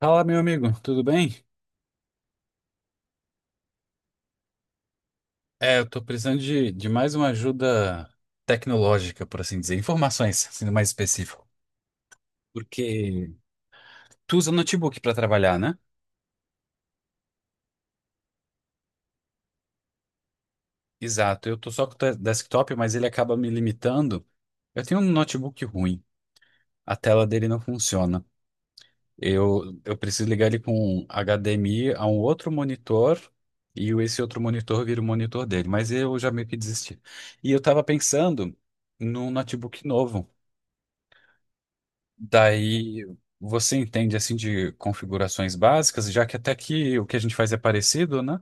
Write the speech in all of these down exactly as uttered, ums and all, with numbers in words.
Fala, meu amigo, tudo bem? É, eu tô precisando de, de mais uma ajuda tecnológica, por assim dizer, informações, sendo mais específico. Porque tu usa notebook para trabalhar, né? Exato, eu tô só com o te- desktop, mas ele acaba me limitando. Eu tenho um notebook ruim, a tela dele não funciona. Eu, eu preciso ligar ele com H D M I a um outro monitor e o- esse outro monitor vira o monitor dele, mas eu já meio que desisti. E eu tava pensando num notebook novo. Daí você entende assim de configurações básicas, já que até aqui o que a gente faz é parecido, né?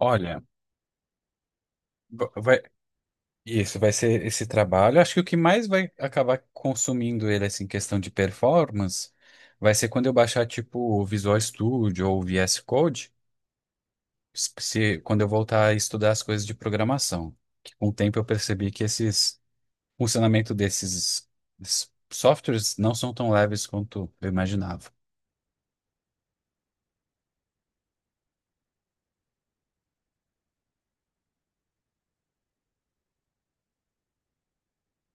Olha, va- vai, isso vai ser esse trabalho. Acho que o que mais vai acabar consumindo ele assim, em questão de performance, vai ser quando eu baixar tipo o Visual Studio ou o V S Code, se, se- quando eu voltar a estudar as coisas de programação. Que com o tempo eu percebi que esses funcionamento desses desses softwares não são tão leves quanto eu imaginava.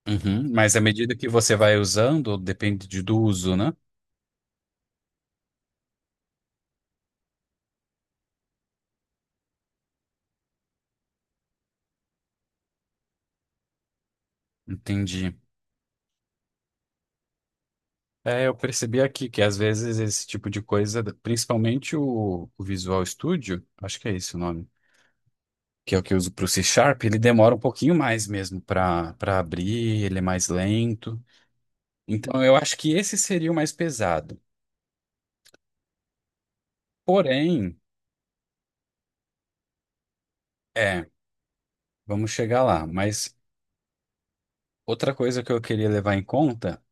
Uhum. Mas à medida que você vai usando, depende de- do uso, né? Entendi. É, eu percebi aqui que às vezes esse tipo de coisa, principalmente o, o Visual Studio, acho que é esse o nome, que é o que eu uso para o C Sharp, ele demora um pouquinho mais mesmo para para abrir, ele é mais lento. Então eu acho que esse seria o mais pesado. Porém, é, vamos chegar lá. Mas outra coisa que eu queria levar em conta,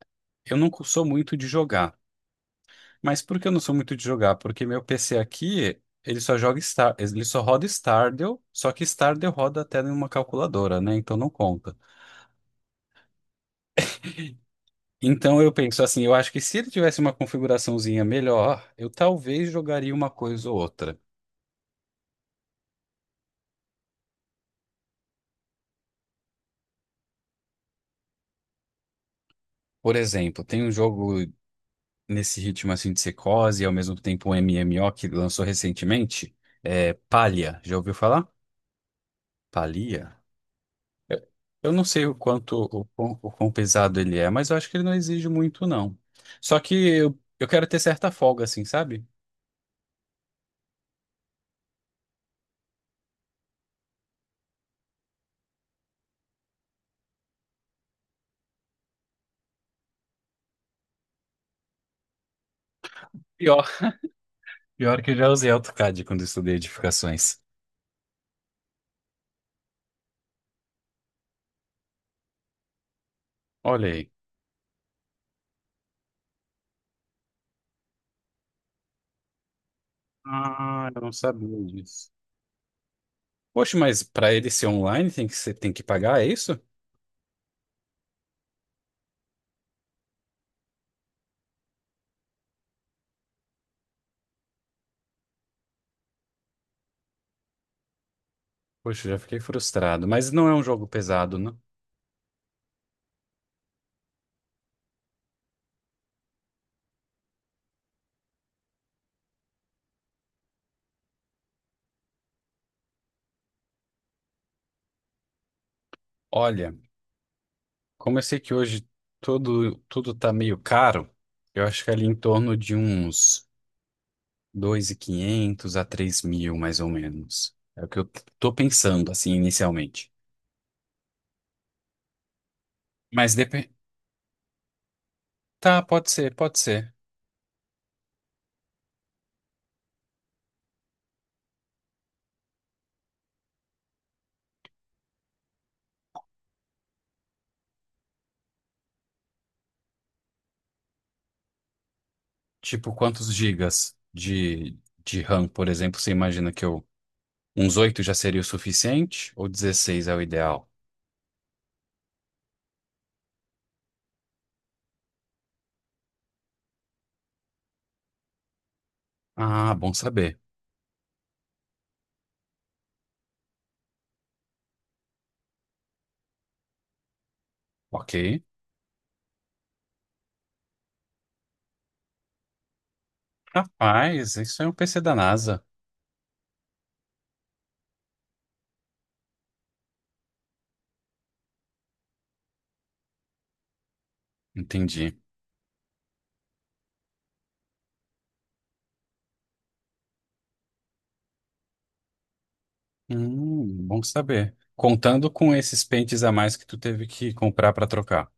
eu não sou muito de jogar. Mas por que eu não sou muito de jogar? Porque meu P C aqui, ele só joga Star, ele só roda Stardew, só que Stardew roda até numa calculadora, né? Então não conta. Então eu penso assim, eu acho que se ele tivesse uma configuraçãozinha melhor, eu talvez jogaria uma coisa ou outra. Por exemplo, tem um jogo nesse ritmo assim de secose e ao mesmo tempo um M M O que lançou recentemente, é Palia. Já ouviu falar? Palia? Eu eu não sei o quanto, o quão, o quão pesado ele é, mas eu acho que ele não exige muito, não. Só que eu, eu quero ter certa folga, assim, sabe? Pior, pior que eu já usei AutoCAD quando eu estudei edificações. Olha aí. Ah, eu não sabia disso. Poxa, mas para ele ser online tem que ser, tem que pagar, é isso? Poxa, já fiquei frustrado. Mas não é um jogo pesado, né? Olha, como eu sei que hoje tudo, tudo tá meio caro, eu acho que é ali em torno de uns. dois mil e quinhentos a três mil mais ou menos. É o que eu tô pensando, assim, inicialmente. Mas depende. Tá, pode ser, pode ser. Tipo, quantos gigas de, de RAM, por exemplo, você imagina que eu. Uns oito já seria o suficiente? Ou dezesseis é o ideal? Ah, bom saber. Ok. Rapaz, isso é um P C da NASA. Entendi. Hum, bom saber. Contando com esses pentes a mais que tu teve que comprar pra trocar.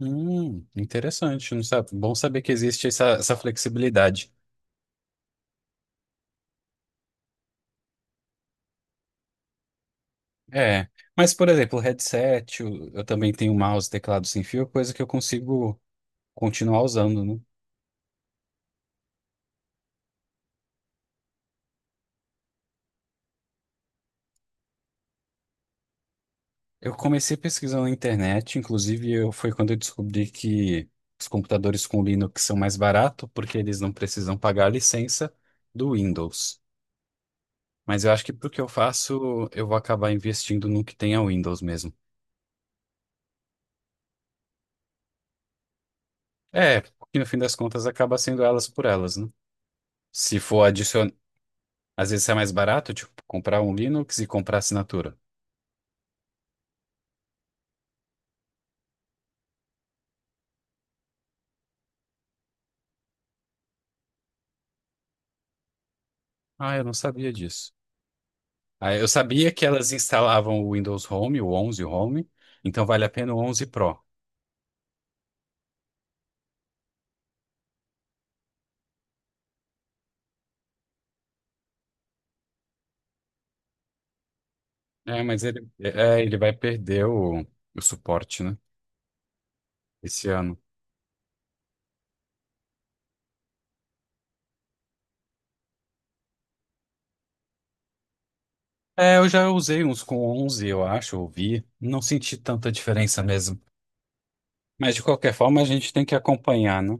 Hum, interessante, não sabe? Bom saber que existe essa, essa flexibilidade. É, mas por exemplo, o headset, o- eu também tenho mouse, teclado sem fio, coisa que eu consigo continuar usando, né? Eu comecei pesquisando na internet, inclusive eu, foi quando eu descobri que os computadores com Linux são mais baratos, porque eles não precisam pagar a licença do Windows. Mas eu acho que pro que eu faço, eu vou acabar investindo no que tem a Windows mesmo. É, porque no fim das contas acaba sendo elas por elas, né? Se for. Às vezes é mais barato, tipo, comprar um Linux e comprar assinatura. Ah, eu não sabia disso. Ah, eu sabia que elas instalavam o Windows Home, o onze Home, então vale a pena o onze Pro. É, mas ele, é, é, ele vai perder o, o suporte, né? Esse ano. É, eu já usei uns com onze, eu acho, ouvi. Não senti tanta diferença mesmo. Mas de qualquer forma, a gente tem que acompanhar, né?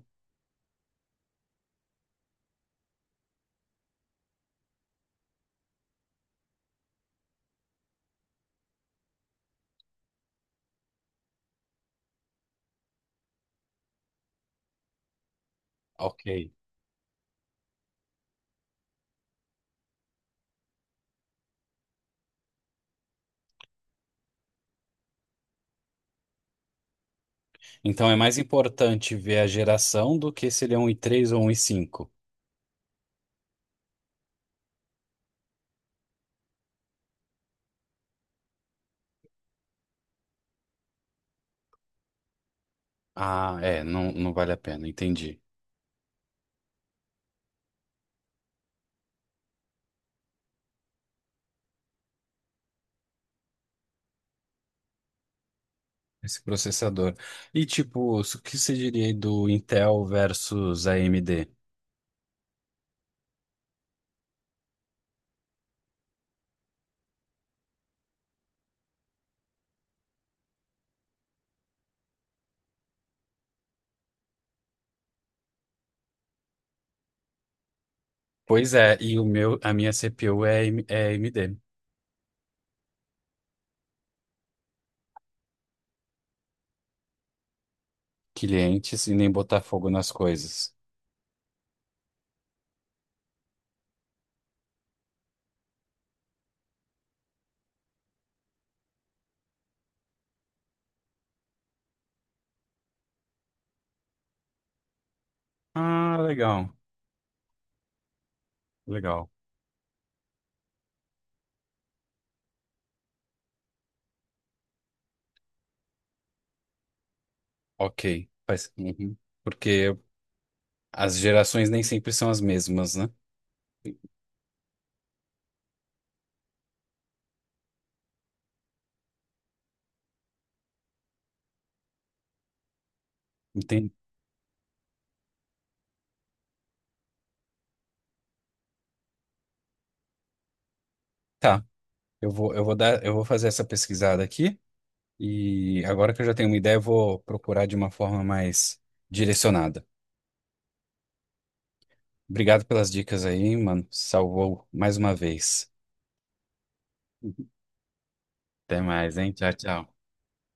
Ok. Então é mais importante ver a geração do que se ele é um i três ou um i cinco. Ah, é, não, não vale a pena, entendi. Esse processador. E tipo, o que você diria aí do Intel versus A M D? Pois é, e o meu, a minha CPU é, A M- é A M D. Clientes e nem botar fogo nas coisas. Ah, legal, legal. Ok. Faz... uhum. Porque as gerações nem sempre são as mesmas, né? Entendi. Tá, eu vou, eu vou dar, eu vou fazer essa pesquisada aqui e agora que eu já tenho uma ideia, eu vou procurar de uma forma mais direcionada. Obrigado pelas dicas aí, mano. Salvou mais uma vez. Até mais, hein? Tchau, tchau.